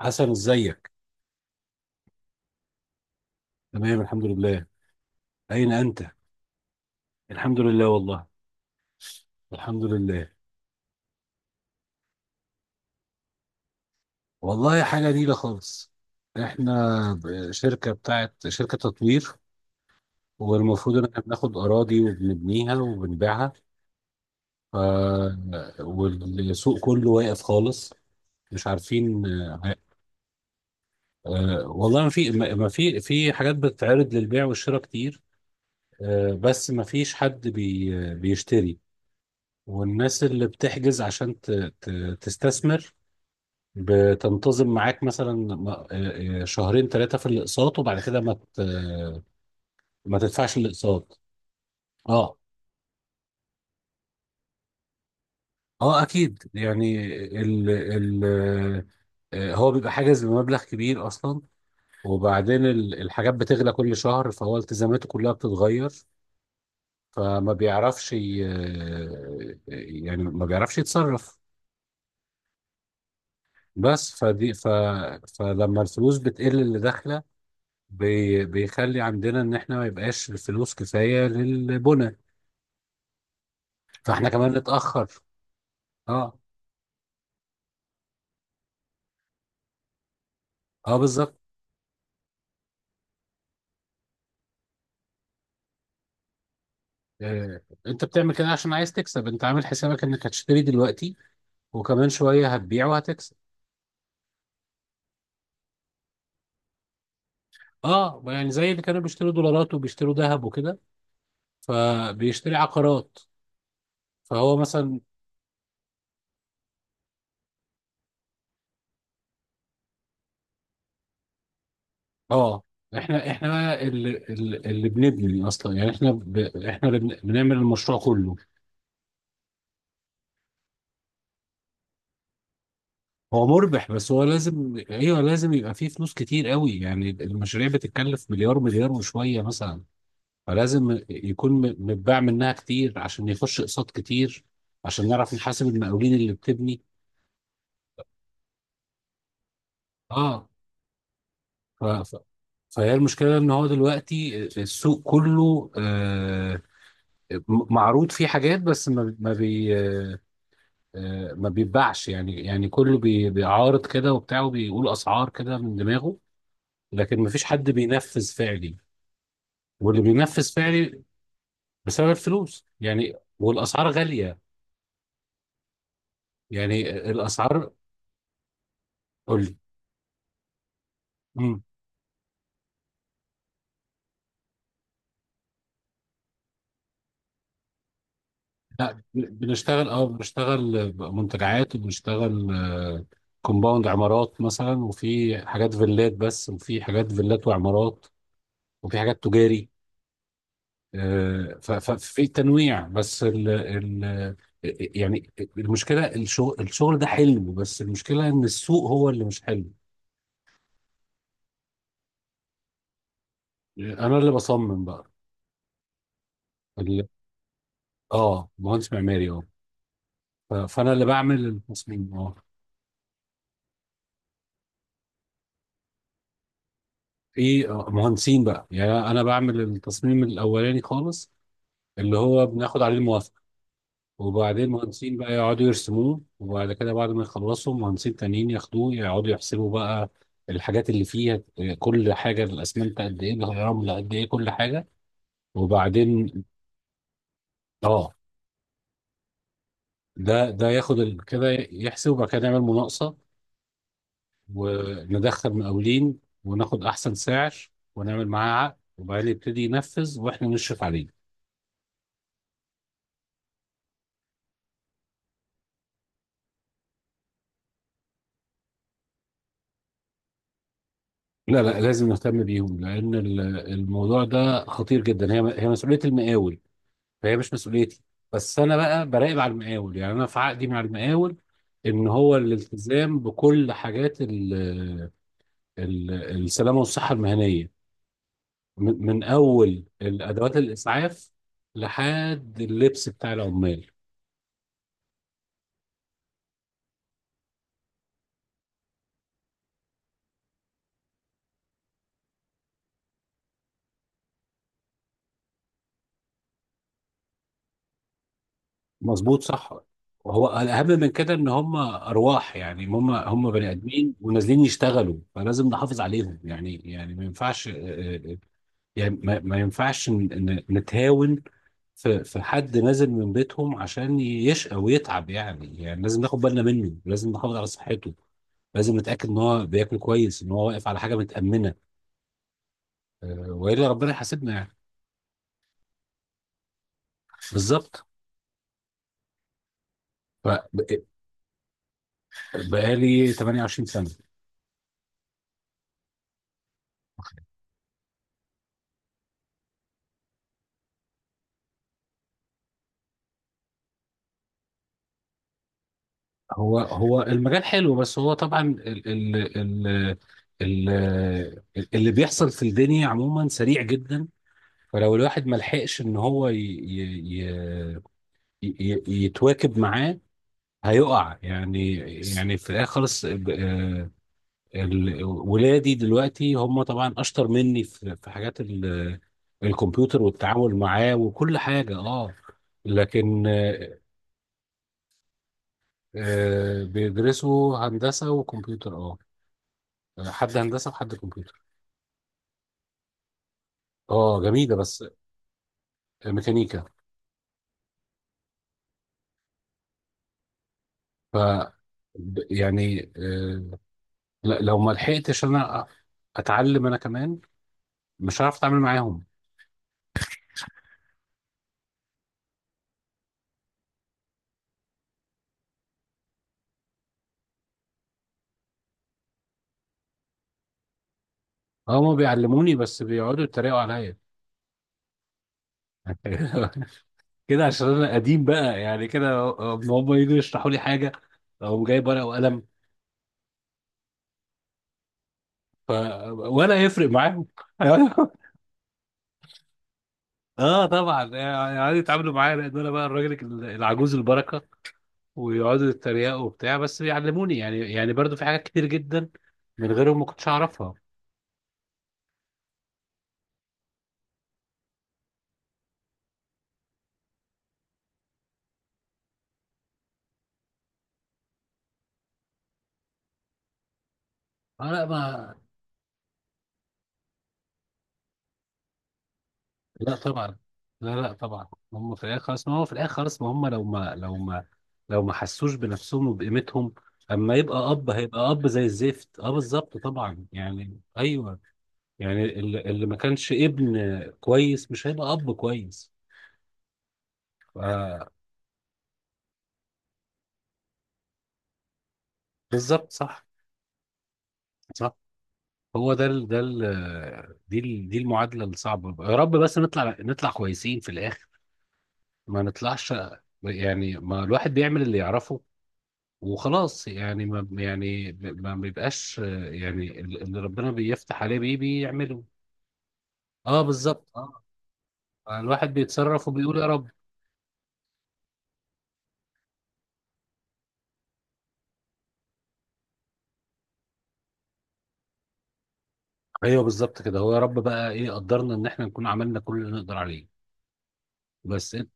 حسن، ازيك؟ تمام، الحمد لله. اين انت؟ الحمد لله والله. الحمد لله. والله حاجه نيله خالص. احنا شركه بتاعت شركه تطوير، والمفروض ان احنا بناخد اراضي وبنبنيها وبنبيعها. ف... والسوق كله واقف خالص. مش عارفين. والله ما في حاجات بتتعرض للبيع والشراء كتير. بس ما فيش حد بيشتري. والناس اللي بتحجز عشان ت... تستثمر بتنتظم معاك مثلا. شهرين ثلاثة في الأقساط، وبعد كده ما ما تدفعش الأقساط. اه، اه اكيد يعني. ال هو بيبقى حاجز بمبلغ كبير اصلا، وبعدين الحاجات بتغلى كل شهر، فهو التزاماته كلها بتتغير. فما بيعرفش، يعني ما بيعرفش يتصرف. بس فدي ف فلما الفلوس بتقل اللي داخله، بيخلي عندنا ان احنا ما يبقاش الفلوس كفايه للبنى. فاحنا صحيح كمان نتاخر. اه، اه بالظبط. آه. انت بتعمل كده عشان عايز تكسب، انت عامل حسابك انك هتشتري دلوقتي وكمان شويه هتبيع وهتكسب. اه يعني زي اللي كانوا بيشتروا دولارات وبيشتروا ذهب وكده، فبيشتري عقارات. فهو مثلا، اه احنا بقى اللي بنبني اصلا، يعني احنا احنا اللي بنعمل المشروع كله. هو مربح بس هو لازم، ايوه لازم يبقى فيه فلوس كتير قوي، يعني المشاريع بتتكلف مليار مليار وشويه مثلا. فلازم يكون متباع منها كتير عشان يخش اقساط كتير، عشان نعرف نحاسب المقاولين اللي بتبني. اه، ف... ف... فهي المشكله ان هو دلوقتي السوق كله، معروض فيه حاجات بس ما ما بي آه ما بيتباعش يعني، يعني كله بيعارض كده وبتاع، وبيقول اسعار كده من دماغه، لكن ما فيش حد بينفذ فعلي. واللي بينفذ فعلي بسبب الفلوس يعني، والاسعار غاليه. يعني الاسعار. قول. مم. لا بنشتغل، اه بنشتغل منتجعات، وبنشتغل كومباوند عمارات مثلا، وفي حاجات فيلات بس، وفي حاجات فيلات وعمارات، وفي حاجات تجاري. ففي تنويع، بس ال يعني المشكله، الشغل، الشغل ده حلو بس المشكله ان السوق هو اللي مش حلو. انا اللي بصمم بقى. ال- اه مهندس معماري اه. فانا اللي بعمل التصميم، اه. في مهندسين بقى، يعني انا بعمل التصميم الاولاني خالص، اللي هو بناخد عليه الموافقه، وبعدين مهندسين بقى يقعدوا يرسموه، وبعد كده بعد ما يخلصوا مهندسين تانيين ياخدوه يقعدوا يحسبوا بقى الحاجات اللي فيها، كل حاجه، الاسمنت قد ايه، الرمل قد ايه، كل حاجه. وبعدين اه، ده ياخد كده يحسب، وبعد كده يعمل مناقصه وندخل مقاولين وناخد احسن سعر، ونعمل معاه عقد وبعدين يبتدي ينفذ واحنا نشرف عليه. لا لا لازم نهتم بيهم، لان الموضوع ده خطير جدا، هي مسؤوليه المقاول، فهي مش مسؤوليتي. بس انا بقى براقب على المقاول، يعني انا في عقدي مع المقاول ان هو الالتزام بكل حاجات ال السلامه والصحه المهنيه، من اول الادوات الاسعاف لحد اللبس بتاع العمال. مظبوط، صح. وهو الاهم من كده ان هم ارواح يعني، هم بني ادمين ونازلين يشتغلوا، فلازم نحافظ عليهم يعني، يعني ما ينفعش. آه، يعني ما ينفعش نتهاون في في حد نازل من بيتهم عشان يشقى ويتعب يعني، يعني لازم ناخد بالنا منه، لازم نحافظ على صحته، لازم نتاكد ان هو بياكل كويس، ان هو واقف على حاجه متامنه، والا ربنا يحاسبنا يعني. بالظبط. فبقالي 28 سنه. هو المجال حلو بس هو طبعا ال ال ال اللي بيحصل في الدنيا عموما سريع جدا، فلو الواحد ما لحقش ان هو ي ي ي ي يتواكب معاه هيقع يعني. يعني في الاخر خالص، ولادي دلوقتي هم طبعا اشطر مني في في حاجات الكمبيوتر والتعامل معاه وكل حاجة، اه. لكن بيدرسوا هندسة وكمبيوتر، اه. حد هندسه وحد كمبيوتر. اه جميله بس، ميكانيكا. ف يعني لو ما لحقتش انا، اتعلم انا كمان مش هعرف اتعامل معاهم. هما بيعلموني بس بيقعدوا يتريقوا عليا كده عشان انا قديم بقى، يعني كده هم يجوا يشرحوا لي حاجه او جايب ورقه وقلم. ف... ولا يفرق معاهم. اه طبعا يعني يتعاملوا معايا لان انا بقى الراجل العجوز البركه، ويقعدوا يتريقوا وبتاع بس بيعلموني يعني، يعني برضو في حاجات كتير جدا من غيرهم ما كنتش اعرفها. آه لا ما، لا طبعا. لا لا طبعا، هم في الاخر خلاص. ما هو في الاخر خلاص، ما هم لو ما حسوش بنفسهم وبقيمتهم اما يبقى اب، هيبقى اب زي الزفت، اه بالظبط طبعا يعني ايوه. يعني اللي ما كانش ابن كويس مش هيبقى اب كويس. ف- بالظبط صح. صح. هو ده ال دي المعادله الصعبه، يا رب بس نطلع، نطلع كويسين في الاخر، ما نطلعش. يعني ما الواحد بيعمل اللي يعرفه وخلاص يعني، ما يعني ما بيبقاش، يعني اللي ربنا بيفتح عليه بيه بيعمله. اه بالظبط، اه. الواحد بيتصرف وبيقول يا رب. ايوه بالظبط كده، هو يا رب بقى، ايه قدرنا ان احنا نكون عملنا كل اللي نقدر عليه. بس انت،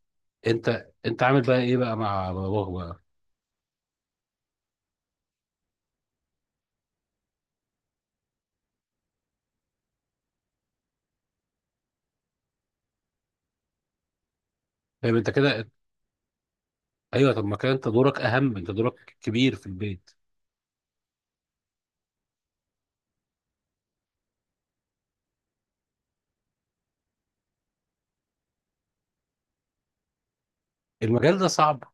انت عامل بقى ايه بقى مع باباك بقى؟ فاهم انت كده. ايوه، طب ما كان انت دورك اهم، انت دورك كبير في البيت. المجال ده صعب.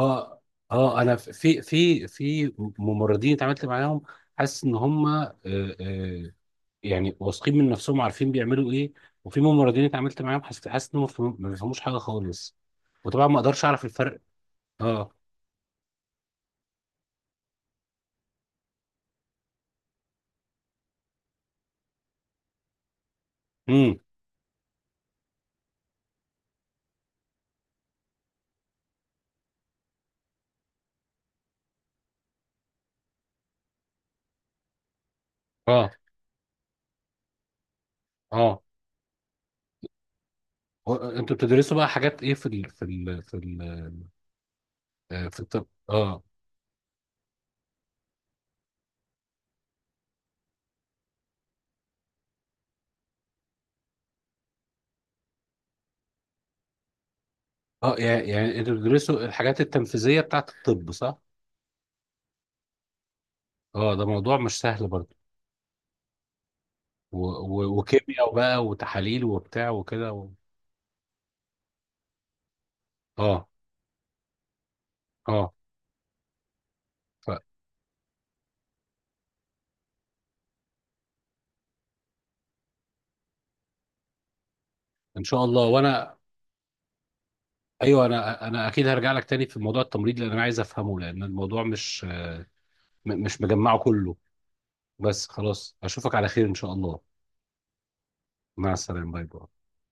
اه، اه انا، في ممرضين اتعاملت معاهم حاسس ان هم آه، يعني واثقين من نفسهم عارفين بيعملوا ايه، وفي ممرضين اتعاملت معاهم حاسس، انهم ما بيفهموش حاجه خالص، وطبعا ما اقدرش اعرف الفرق. اه. امم. اه. اه. انتوا بتدرسوا بقى حاجات ايه في ال في ال في ال في الطب، اه. اه يعني، يعني انتوا بتدرسوا الحاجات التنفيذيه بتاعت الطب صح. اه ده موضوع مش سهل برضه. وكيمياء بقى، وتحاليل وبتاع وكده اه. اه فان شاء الله، وانا. ايوه، انا اكيد هرجع لك تاني في موضوع التمريض، لان انا عايز افهمه، لان الموضوع مش مش مجمعه كله. بس خلاص، اشوفك على خير ان شاء الله. مع السلامه، باي باي.